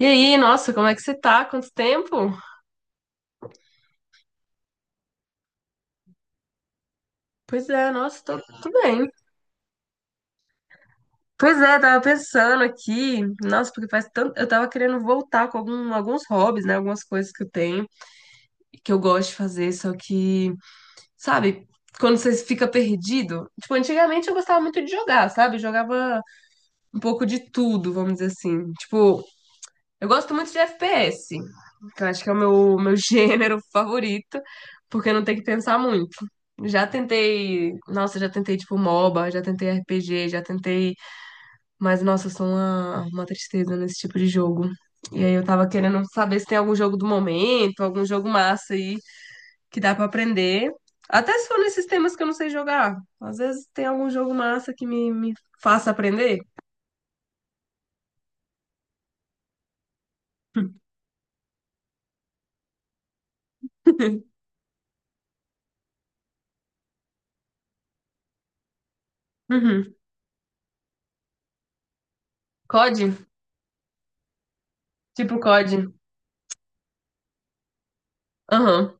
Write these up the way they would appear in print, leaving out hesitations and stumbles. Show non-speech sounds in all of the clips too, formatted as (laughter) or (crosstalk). E aí, nossa, como é que você tá? Quanto tempo? Pois é, nossa, tô bem. Pois é, tava pensando aqui, nossa, porque faz tanto. Eu tava querendo voltar com alguns hobbies, né? Algumas coisas que eu tenho, que eu gosto de fazer, só que, sabe, quando você fica perdido. Tipo, antigamente eu gostava muito de jogar, sabe? Eu jogava um pouco de tudo, vamos dizer assim. Tipo, eu gosto muito de FPS, que eu acho que é o meu (laughs) gênero favorito, porque não tem que pensar muito. Já tentei, nossa, já tentei tipo MOBA, já tentei RPG, já tentei, mas nossa, eu sou uma tristeza nesse tipo de jogo. E aí eu tava querendo saber se tem algum jogo do momento, algum jogo massa aí que dá pra aprender. Até se for nesses temas que eu não sei jogar. Às vezes tem algum jogo massa que me faça aprender. (laughs) Uhum. COD? Tipo COD. Aham.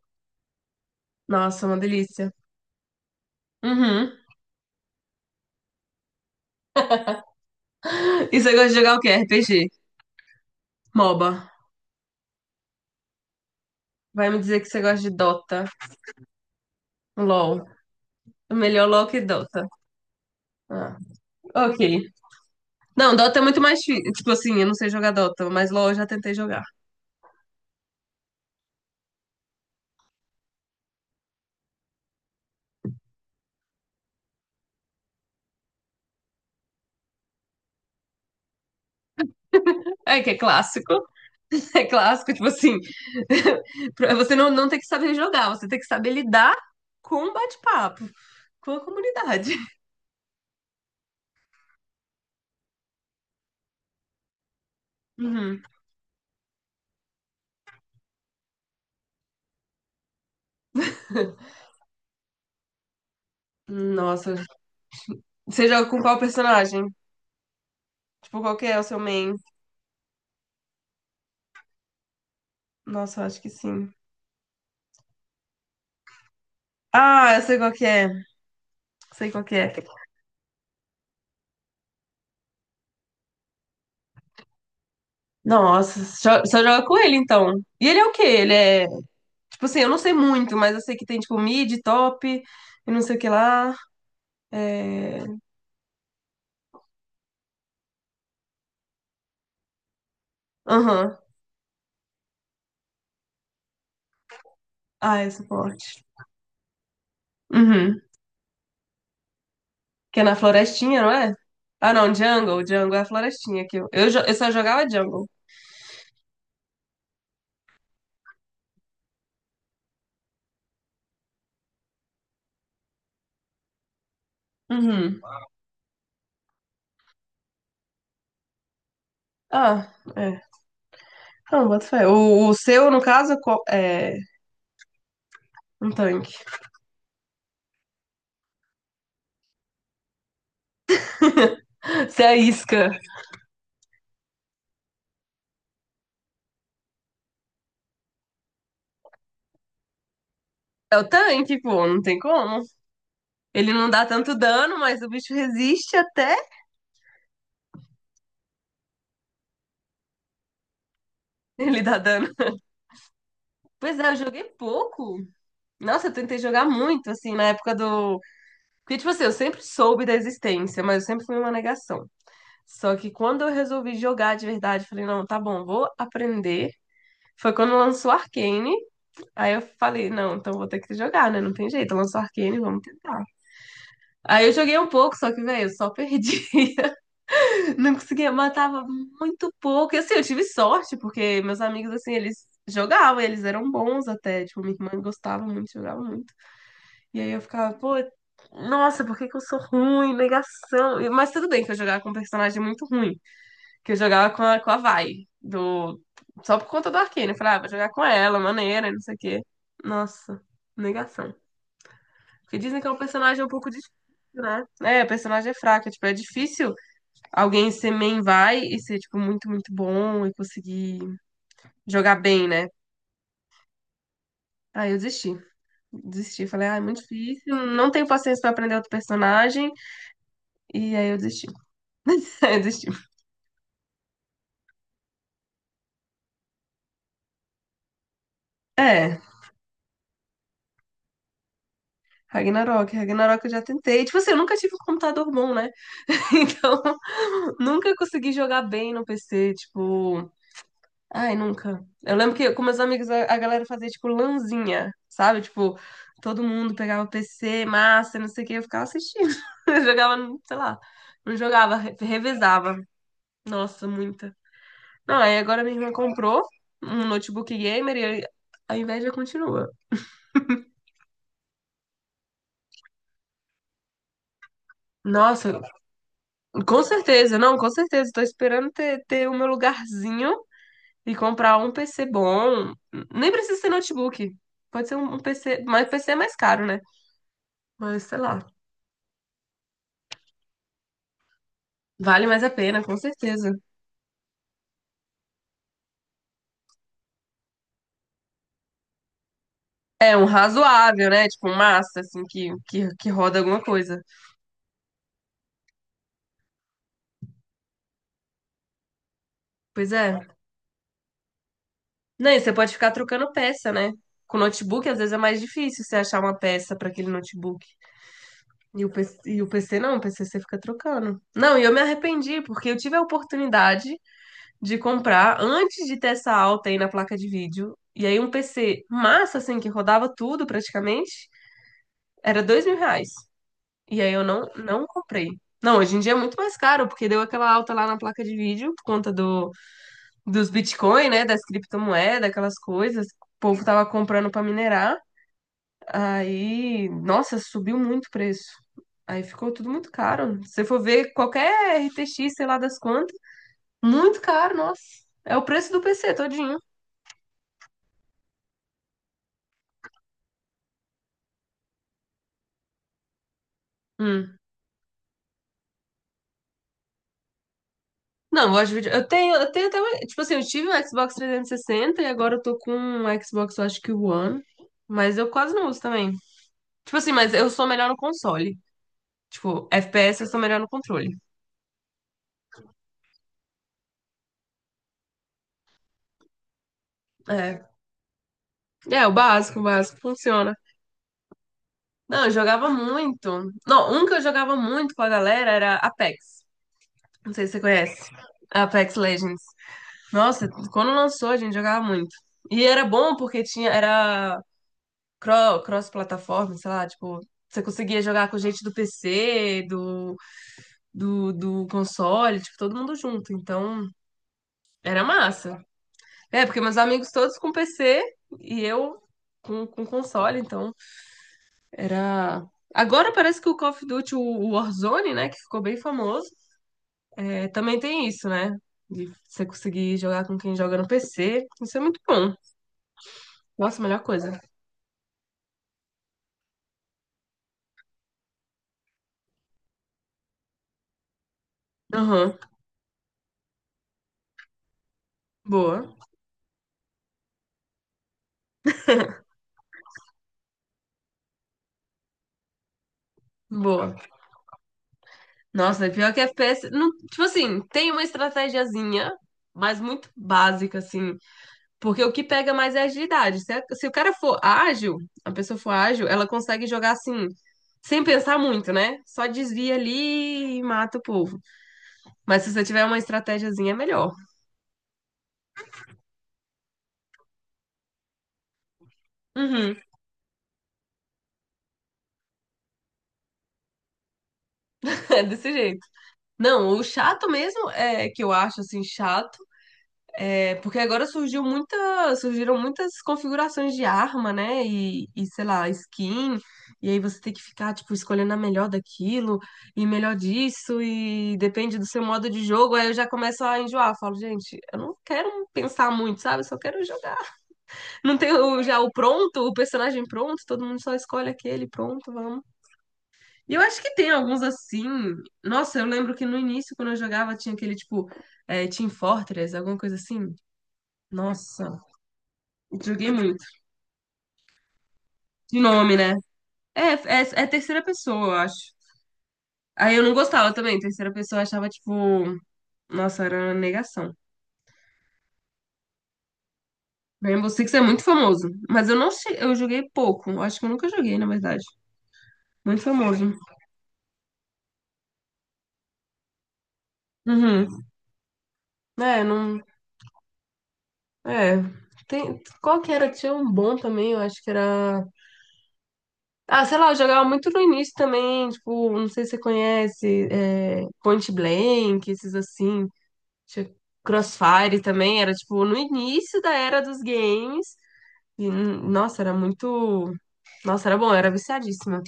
Nossa, é uma delícia. Uhum. E você gosta de jogar o quê? RPG? MOBA. Vai me dizer que você gosta de Dota. LOL. Melhor LOL que Dota. Ah, ok. Não, Dota é muito mais difícil. Tipo assim, eu não sei jogar Dota, mas LOL eu já tentei jogar. É que é clássico. (laughs) É clássico, tipo assim. (laughs) Você não tem que saber jogar, você tem que saber lidar com o bate-papo, com a comunidade. Uhum. Nossa. Você joga com qual personagem? Tipo, qual que é o seu main? Nossa, eu acho que sim. Ah, eu sei qual que é. Sei qual que é. Nossa, só joga com ele então. E ele é o quê? Ele é. Tipo assim, eu não sei muito, mas eu sei que tem tipo mid, top, e não sei o que lá. É. Aham. Ah, é suporte. Uhum. Que é na florestinha, não é? Ah, não, jungle. Jungle é a florestinha que eu. Eu só jogava jungle. Uhum. Ah, é. Não, bota fé. O seu, no caso, é um tanque. (laughs) Se é a isca. É o tanque, pô, não tem como. Ele não dá tanto dano, mas o bicho resiste até (laughs) ele dar dano. Pois é, eu joguei pouco. Nossa, eu tentei jogar muito, assim, na época do. Porque, tipo assim, eu sempre soube da existência, mas eu sempre fui uma negação. Só que quando eu resolvi jogar de verdade, falei, não, tá bom, vou aprender. Foi quando lançou Arcane. Aí eu falei, não, então vou ter que jogar, né? Não tem jeito. Lançou Arcane, vamos tentar. Aí eu joguei um pouco, só que, velho, eu só (laughs) perdi. Não conseguia, matava muito pouco. E assim, eu tive sorte, porque meus amigos, assim, eles jogavam, eles eram bons até. Tipo, minha irmã gostava muito, jogava muito. E aí eu ficava, pô, nossa, por que que eu sou ruim? Negação. Mas tudo bem que eu jogava com um personagem muito ruim, que eu jogava com a Vai, do... só por conta do Arcane. Eu falava, ah, vou jogar com ela, maneira, e não sei o quê. Nossa, negação. Porque dizem que é um personagem um pouco difícil, né? É, o personagem é fraco, é, tipo, é difícil alguém ser main vai e ser, tipo, muito, muito bom e conseguir jogar bem, né? Aí eu desisti. Desisti. Falei, ah, é muito difícil. Não tenho paciência pra aprender outro personagem. E aí eu desisti. (laughs) Aí eu desisti. É, Ragnarok. Ragnarok eu já tentei. Tipo assim, eu nunca tive um computador bom, né? (laughs) Então, nunca consegui jogar bem no PC. Tipo, ai, nunca. Eu lembro que com meus amigos a galera fazia tipo lanzinha, sabe? Tipo, todo mundo pegava o PC, massa, não sei o que, eu ficava assistindo. (laughs) Eu jogava, sei lá, não jogava, revezava. Nossa, muita. Não, aí agora minha irmã comprou um notebook gamer e aí a inveja continua. Nossa, com certeza, não, com certeza. Tô esperando ter o meu lugarzinho e comprar um PC bom. Nem precisa ser notebook. Pode ser um PC, mas PC é mais caro, né? Mas sei lá. Vale mais a pena, com certeza. É um razoável, né? Tipo, um massa, assim, que roda alguma coisa. Pois é. Não, e você pode ficar trocando peça, né? Com notebook, às vezes é mais difícil você achar uma peça para aquele notebook. E o PC não, o PC você fica trocando. Não, e eu me arrependi, porque eu tive a oportunidade de comprar antes de ter essa alta aí na placa de vídeo. E aí um PC massa, assim, que rodava tudo praticamente, era R$ 2.000. E aí eu não comprei. Não, hoje em dia é muito mais caro, porque deu aquela alta lá na placa de vídeo por conta dos Bitcoin, né? Das criptomoedas, aquelas coisas. O povo tava comprando pra minerar. Aí, nossa, subiu muito o preço. Aí ficou tudo muito caro. Se você for ver qualquer RTX, sei lá das quantas, muito caro, nossa. É o preço do PC todinho. Hum. Não, eu gosto de vídeo. Eu tenho até. Uma- Tipo assim, eu tive um Xbox 360 e agora eu tô com um Xbox, eu acho que o One. Mas eu quase não uso também. Tipo assim, mas eu sou melhor no console. Tipo, FPS eu sou melhor no controle. É. É, o básico funciona. Não, eu jogava muito. Não, um que eu jogava muito com a galera era Apex. Não sei se você conhece. Apex Legends. Nossa, quando lançou, a gente jogava muito. E era bom porque tinha, era cross-plataforma, sei lá, tipo, você conseguia jogar com gente do PC, do console, tipo, todo mundo junto. Então, era massa. É, porque meus amigos todos com PC e eu com console, então era. Agora parece que o Call of Duty, o Warzone, né, que ficou bem famoso, é, também tem isso, né? De você conseguir jogar com quem joga no PC. Isso é muito bom. Nossa, melhor coisa. Aham, boa, boa. Nossa, é pior que FPS. Não, tipo assim, tem uma estratégiazinha, mas muito básica, assim. Porque o que pega mais é a agilidade. Se, se o cara for ágil, a pessoa for ágil, ela consegue jogar assim, sem pensar muito, né? Só desvia ali e mata o povo. Mas se você tiver uma estratégiazinha, é melhor. Uhum, (laughs) é desse jeito. Não, o chato mesmo é que eu acho assim chato. É, porque agora surgiu muita, surgiram muitas configurações de arma, né? E, sei lá, skin. E aí você tem que ficar, tipo, escolhendo a melhor daquilo e melhor disso. E depende do seu modo de jogo. Aí eu já começo a enjoar. Falo, gente, eu não quero pensar muito, sabe? Eu só quero jogar. Não tem já o pronto, o personagem pronto. Todo mundo só escolhe aquele, pronto, vamos. E eu acho que tem alguns assim. Nossa, eu lembro que no início, quando eu jogava, tinha aquele, tipo, Team Fortress, alguma coisa assim. Nossa. Joguei muito. De nome, né? É terceira pessoa, eu acho. Aí eu não gostava também. Terceira pessoa eu achava, tipo, nossa, era uma negação. Rainbow Six é muito famoso. Mas eu não sei, eu joguei pouco. Eu acho que eu nunca joguei, na verdade. Muito famoso. Uhum. É, não. É. Tem... Qual que era? Tinha um bom também, eu acho que era. Ah, sei lá, eu jogava muito no início também, tipo, não sei se você conhece, é, Point Blank, esses assim, tinha Crossfire também, era tipo no início da era dos games. E, nossa, era muito. Nossa, era bom, eu era viciadíssima.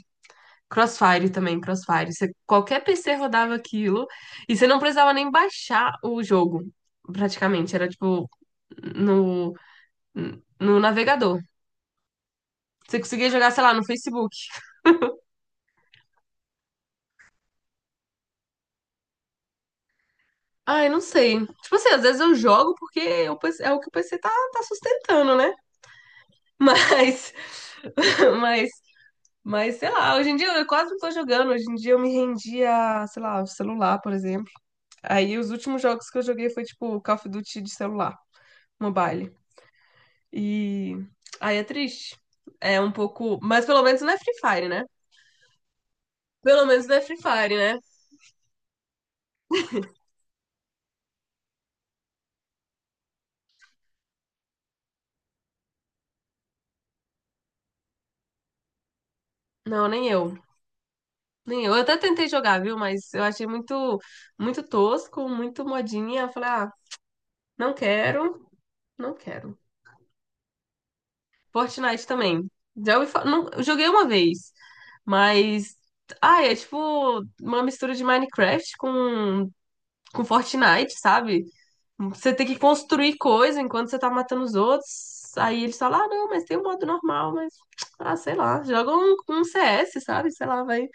Crossfire também, Crossfire. Qualquer PC rodava aquilo e você não precisava nem baixar o jogo, praticamente. Era tipo no, no navegador. Você conseguia jogar, sei lá, no Facebook. Ah, eu não sei. Tipo assim, às vezes eu jogo porque o PC é o que o PC tá sustentando, né? Mas, (laughs) mas sei lá, hoje em dia eu quase não tô jogando. Hoje em dia eu me rendi a, sei lá, o celular, por exemplo. Aí os últimos jogos que eu joguei foi tipo Call of Duty de celular, mobile. E aí é triste. É um pouco. Mas pelo menos não é Free Fire, né? Pelo menos não é Free Fire, né? Não, nem eu. Nem eu. Eu até tentei jogar, viu? Mas eu achei muito, muito tosco, muito modinha. Eu falei, ah, não quero, não quero. Fortnite também. Não, eu joguei uma vez, mas. Ah, é tipo uma mistura de Minecraft com Fortnite, sabe? Você tem que construir coisa enquanto você tá matando os outros. Aí eles falam, ah, não, mas tem um modo normal, mas. Ah, sei lá. Joga um, um CS, sabe? Sei lá, vai.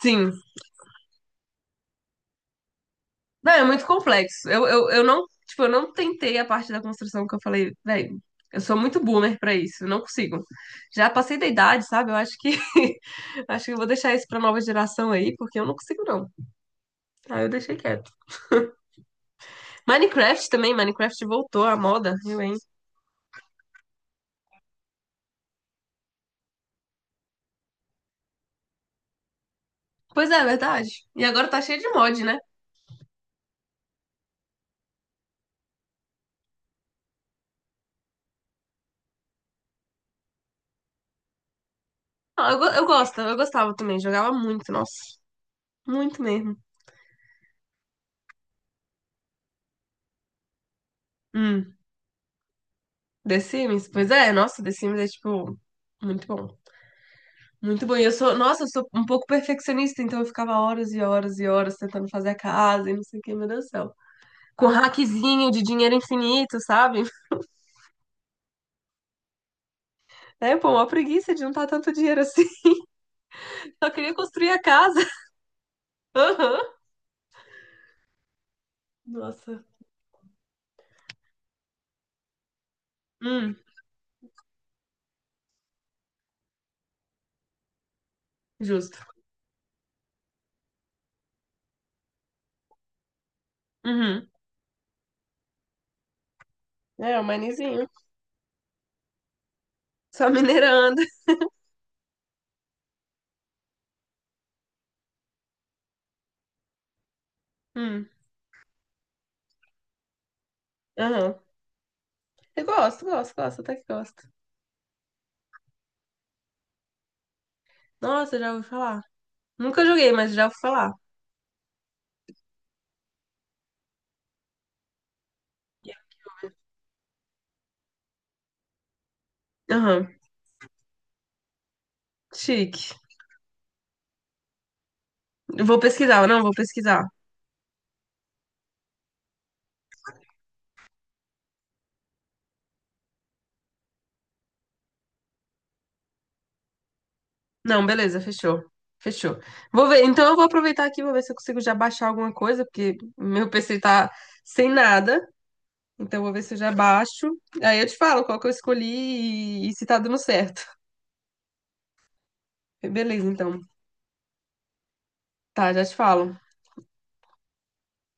Sim, não, é muito complexo. Eu não, tipo, eu não tentei a parte da construção que eu falei, velho, eu sou muito boomer pra isso, eu não consigo. Já passei da idade, sabe? Eu acho que (laughs) acho que eu vou deixar isso pra nova geração aí, porque eu não consigo não. Aí eu deixei quieto. Minecraft também, Minecraft voltou à moda, viu, hein? Pois é, é verdade. E agora tá cheio de mod, né? Eu gosto, eu gostava também, jogava muito, nossa, muito mesmo. Hum, The Sims? Pois é, nossa, The Sims é tipo muito bom. Muito bom. E eu sou, nossa, eu sou um pouco perfeccionista, então eu ficava horas e horas e horas tentando fazer a casa e não sei o que, meu Deus do céu. Com um hackzinho de dinheiro infinito, sabe? É, pô, uma preguiça de juntar tanto dinheiro assim. (laughs) Só queria construir a casa. Aham. Nossa. Hum, justo. Uhum. É, o manizinho. Só minerando. Hum, aham. Eu gosto, gosto, gosto, até que gosto. Nossa, já ouvi falar. Nunca joguei, mas já ouvi falar. Aham. Chique. Eu vou pesquisar, não, vou pesquisar. Não, beleza, fechou. Fechou. Vou ver. Então eu vou aproveitar aqui, vou ver se eu consigo já baixar alguma coisa, porque meu PC tá sem nada. Então eu vou ver se eu já baixo. Aí eu te falo qual que eu escolhi e se tá dando certo. (laughs) Beleza, então. Tá, já te falo.